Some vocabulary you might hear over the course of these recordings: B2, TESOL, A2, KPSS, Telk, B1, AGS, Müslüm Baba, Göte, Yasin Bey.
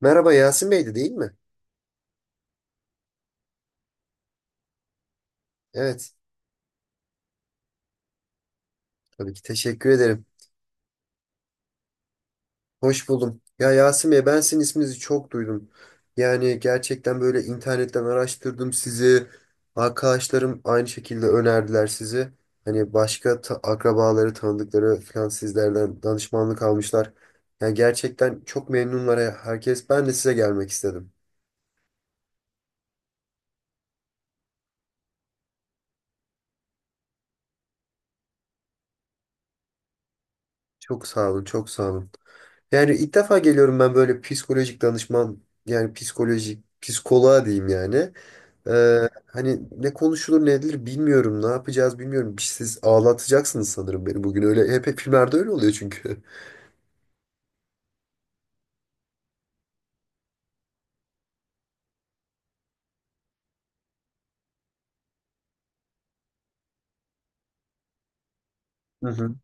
Merhaba Yasin Bey'di değil mi? Evet. Tabii ki teşekkür ederim. Hoş buldum. Ya Yasin Bey, ben sizin isminizi çok duydum. Yani gerçekten böyle internetten araştırdım sizi. Arkadaşlarım aynı şekilde önerdiler sizi. Hani başka akrabaları, tanıdıkları falan sizlerden danışmanlık almışlar. Yani gerçekten çok memnunlar, herkes. Ben de size gelmek istedim. Çok sağ olun, çok sağ olun. Yani ilk defa geliyorum ben böyle psikolojik danışman, yani psikolojik, psikoloğa diyeyim yani. Hani ne konuşulur ne edilir bilmiyorum. Ne yapacağız bilmiyorum. Siz ağlatacaksınız sanırım beni bugün. Öyle hep filmlerde öyle oluyor çünkü. Hı hı.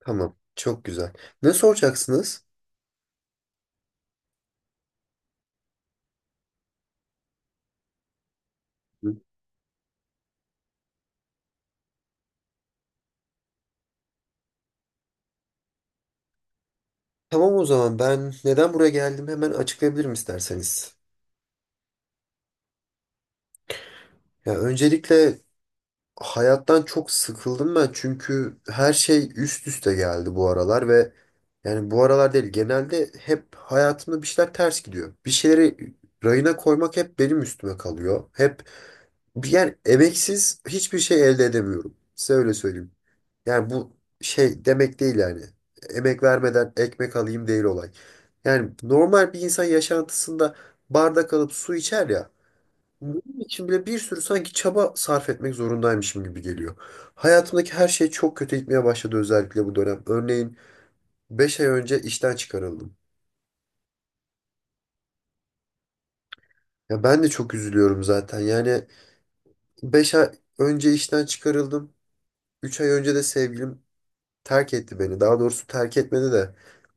Tamam. Çok güzel. Ne soracaksınız? Hı. Tamam, o zaman ben neden buraya geldim hemen açıklayabilirim isterseniz. Ya öncelikle hayattan çok sıkıldım ben çünkü her şey üst üste geldi bu aralar ve yani bu aralar değil, genelde hep hayatımda bir şeyler ters gidiyor. Bir şeyleri rayına koymak hep benim üstüme kalıyor. Yani emeksiz hiçbir şey elde edemiyorum. Size öyle söyleyeyim. Yani bu şey demek değil yani. Emek vermeden ekmek alayım değil olay. Yani normal bir insan yaşantısında bardak alıp su içer ya. Bunun için bile bir sürü sanki çaba sarf etmek zorundaymışım gibi geliyor. Hayatımdaki her şey çok kötü gitmeye başladı, özellikle bu dönem. Örneğin 5 ay önce işten çıkarıldım. Ya ben de çok üzülüyorum zaten. Yani 5 ay önce işten çıkarıldım. 3 ay önce de sevgilim terk etti beni. Daha doğrusu terk etmedi de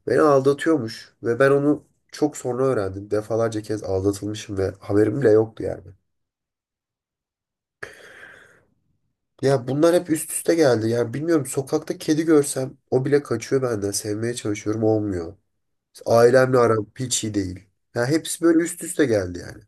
beni aldatıyormuş ve ben onu çok sonra öğrendim. Defalarca kez aldatılmışım ve haberim bile yoktu yani. Ya bunlar hep üst üste geldi. Yani bilmiyorum, sokakta kedi görsem o bile kaçıyor benden. Sevmeye çalışıyorum, olmuyor. Ailemle aram hiç iyi değil. Ya hepsi böyle üst üste geldi yani.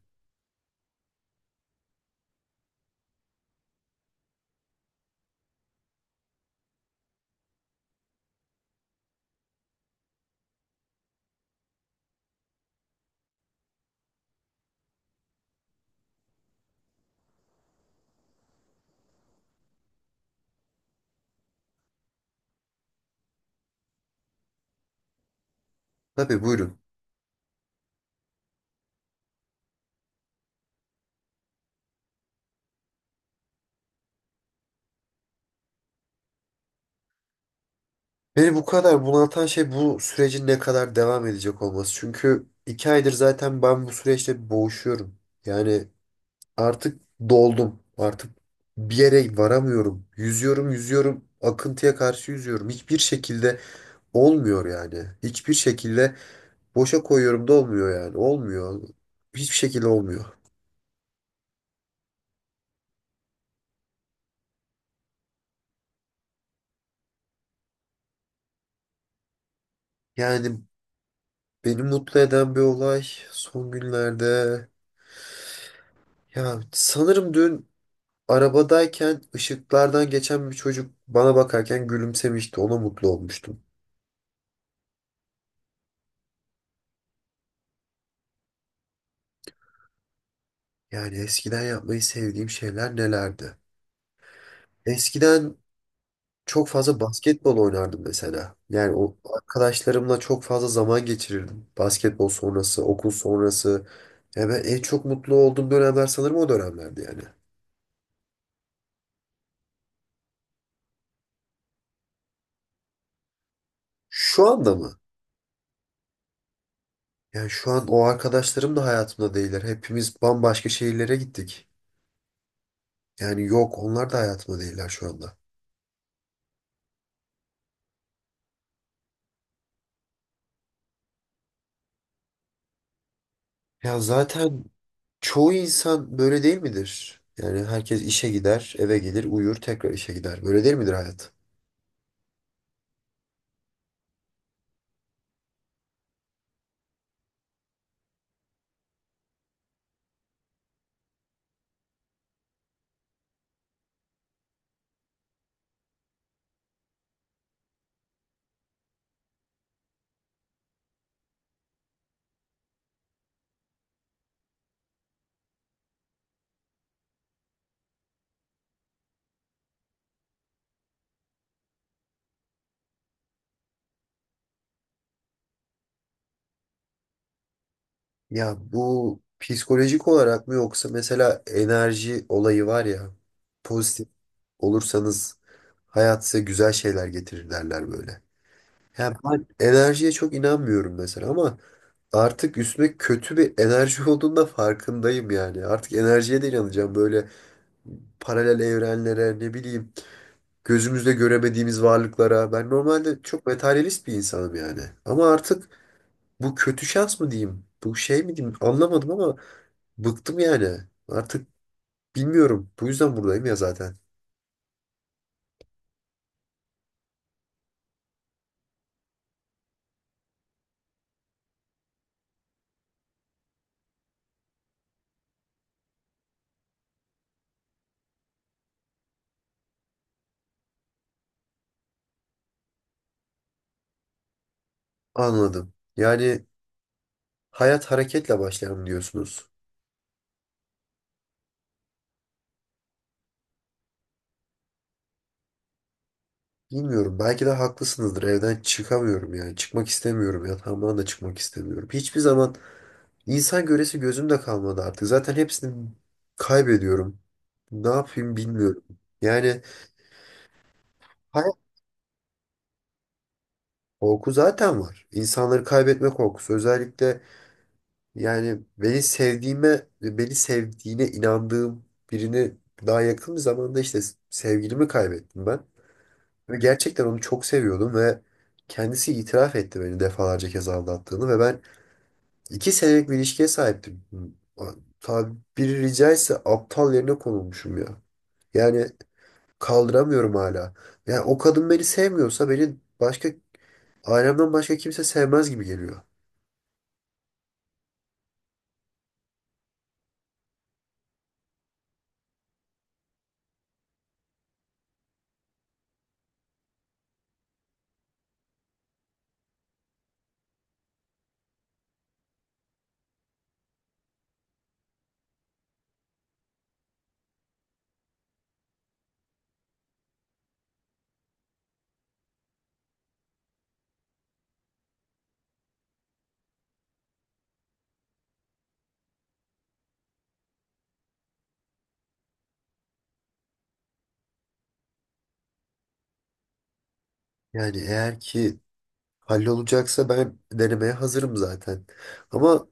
Tabii, buyurun. Beni bu kadar bunaltan şey bu sürecin ne kadar devam edecek olması. Çünkü iki aydır zaten ben bu süreçte boğuşuyorum. Yani artık doldum. Artık bir yere varamıyorum. Yüzüyorum, yüzüyorum. Akıntıya karşı yüzüyorum. Hiçbir şekilde olmuyor yani. Hiçbir şekilde boşa koyuyorum da olmuyor yani. Olmuyor. Hiçbir şekilde olmuyor. Yani beni mutlu eden bir olay son günlerde. Ya sanırım dün arabadayken ışıklardan geçen bir çocuk bana bakarken gülümsemişti. Ona mutlu olmuştum. Yani eskiden yapmayı sevdiğim şeyler nelerdi? Eskiden çok fazla basketbol oynardım mesela. Yani o arkadaşlarımla çok fazla zaman geçirirdim. Basketbol sonrası, okul sonrası. Ya ben en çok mutlu olduğum dönemler sanırım o dönemlerdi yani. Şu anda mı? Yani şu an o arkadaşlarım da hayatımda değiller. Hepimiz bambaşka şehirlere gittik. Yani yok, onlar da hayatımda değiller şu anda. Ya zaten çoğu insan böyle değil midir? Yani herkes işe gider, eve gelir, uyur, tekrar işe gider. Böyle değil midir hayat? Ya bu psikolojik olarak mı yoksa mesela enerji olayı var ya, pozitif olursanız hayat size güzel şeyler getirir derler böyle. Ya ben enerjiye çok inanmıyorum mesela ama artık üstüme kötü bir enerji olduğunda farkındayım yani. Artık enerjiye de inanacağım, böyle paralel evrenlere, ne bileyim, gözümüzle göremediğimiz varlıklara. Ben normalde çok materyalist bir insanım yani. Ama artık bu kötü şans mı diyeyim? Bu şey mi diyeyim? Anlamadım ama bıktım yani. Artık bilmiyorum. Bu yüzden buradayım ya zaten. Anladım. Yani hayat hareketle başlar mı diyorsunuz? Bilmiyorum. Belki de haklısınızdır. Evden çıkamıyorum yani. Çıkmak istemiyorum. Yatağımdan da çıkmak istemiyorum. Hiçbir zaman insan göresi gözümde kalmadı artık. Zaten hepsini kaybediyorum. Ne yapayım bilmiyorum. Yani hayat korku zaten var. İnsanları kaybetme korkusu. Özellikle, yani beni sevdiğime, beni sevdiğine inandığım birini daha yakın bir zamanda işte sevgilimi kaybettim ben. Ve gerçekten onu çok seviyordum ve kendisi itiraf etti beni defalarca kez aldattığını ve ben iki senelik bir ilişkiye sahiptim. Tabiri caizse aptal yerine konulmuşum ya. Yani kaldıramıyorum hala. Yani o kadın beni sevmiyorsa beni ailemden başka kimse sevmez gibi geliyor. Yani eğer ki hallolacaksa ben denemeye hazırım zaten. Ama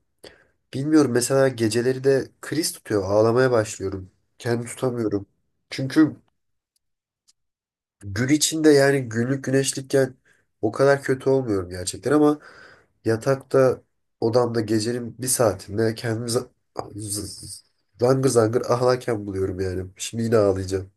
bilmiyorum, mesela geceleri de kriz tutuyor. Ağlamaya başlıyorum. Kendimi tutamıyorum. Çünkü gün içinde yani günlük güneşlikken o kadar kötü olmuyorum gerçekten ama yatakta odamda gecenin bir saatinde kendimi z- z- zangır zangır ağlarken buluyorum yani. Şimdi yine ağlayacağım.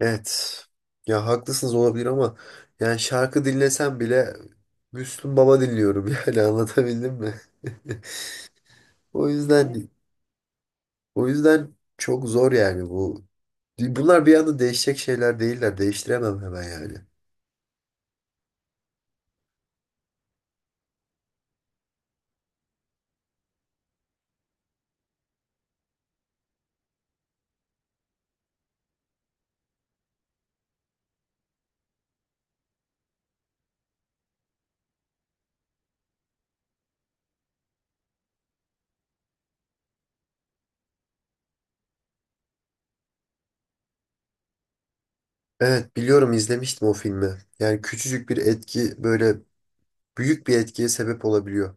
Evet. Ya haklısınız olabilir ama yani şarkı dinlesem bile Müslüm Baba dinliyorum yani anlatabildim mi? O yüzden o yüzden çok zor yani bu. Bunlar bir anda değişecek şeyler değiller. Değiştiremem hemen yani. Evet, biliyorum, izlemiştim o filmi. Yani küçücük bir etki böyle büyük bir etkiye sebep olabiliyor.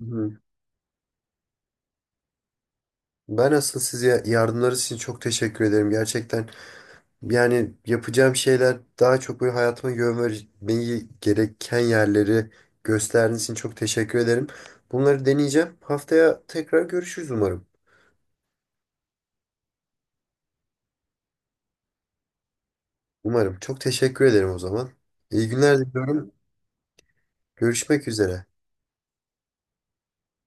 Hı. Ben asıl size yardımlarınız için çok teşekkür ederim. Gerçekten yani yapacağım şeyler daha çok böyle hayatıma yön vermeyi gereken yerleri gösterdiğiniz için çok teşekkür ederim. Bunları deneyeceğim. Haftaya tekrar görüşürüz umarım. Umarım. Çok teşekkür ederim o zaman. İyi günler diliyorum. Görüşmek üzere.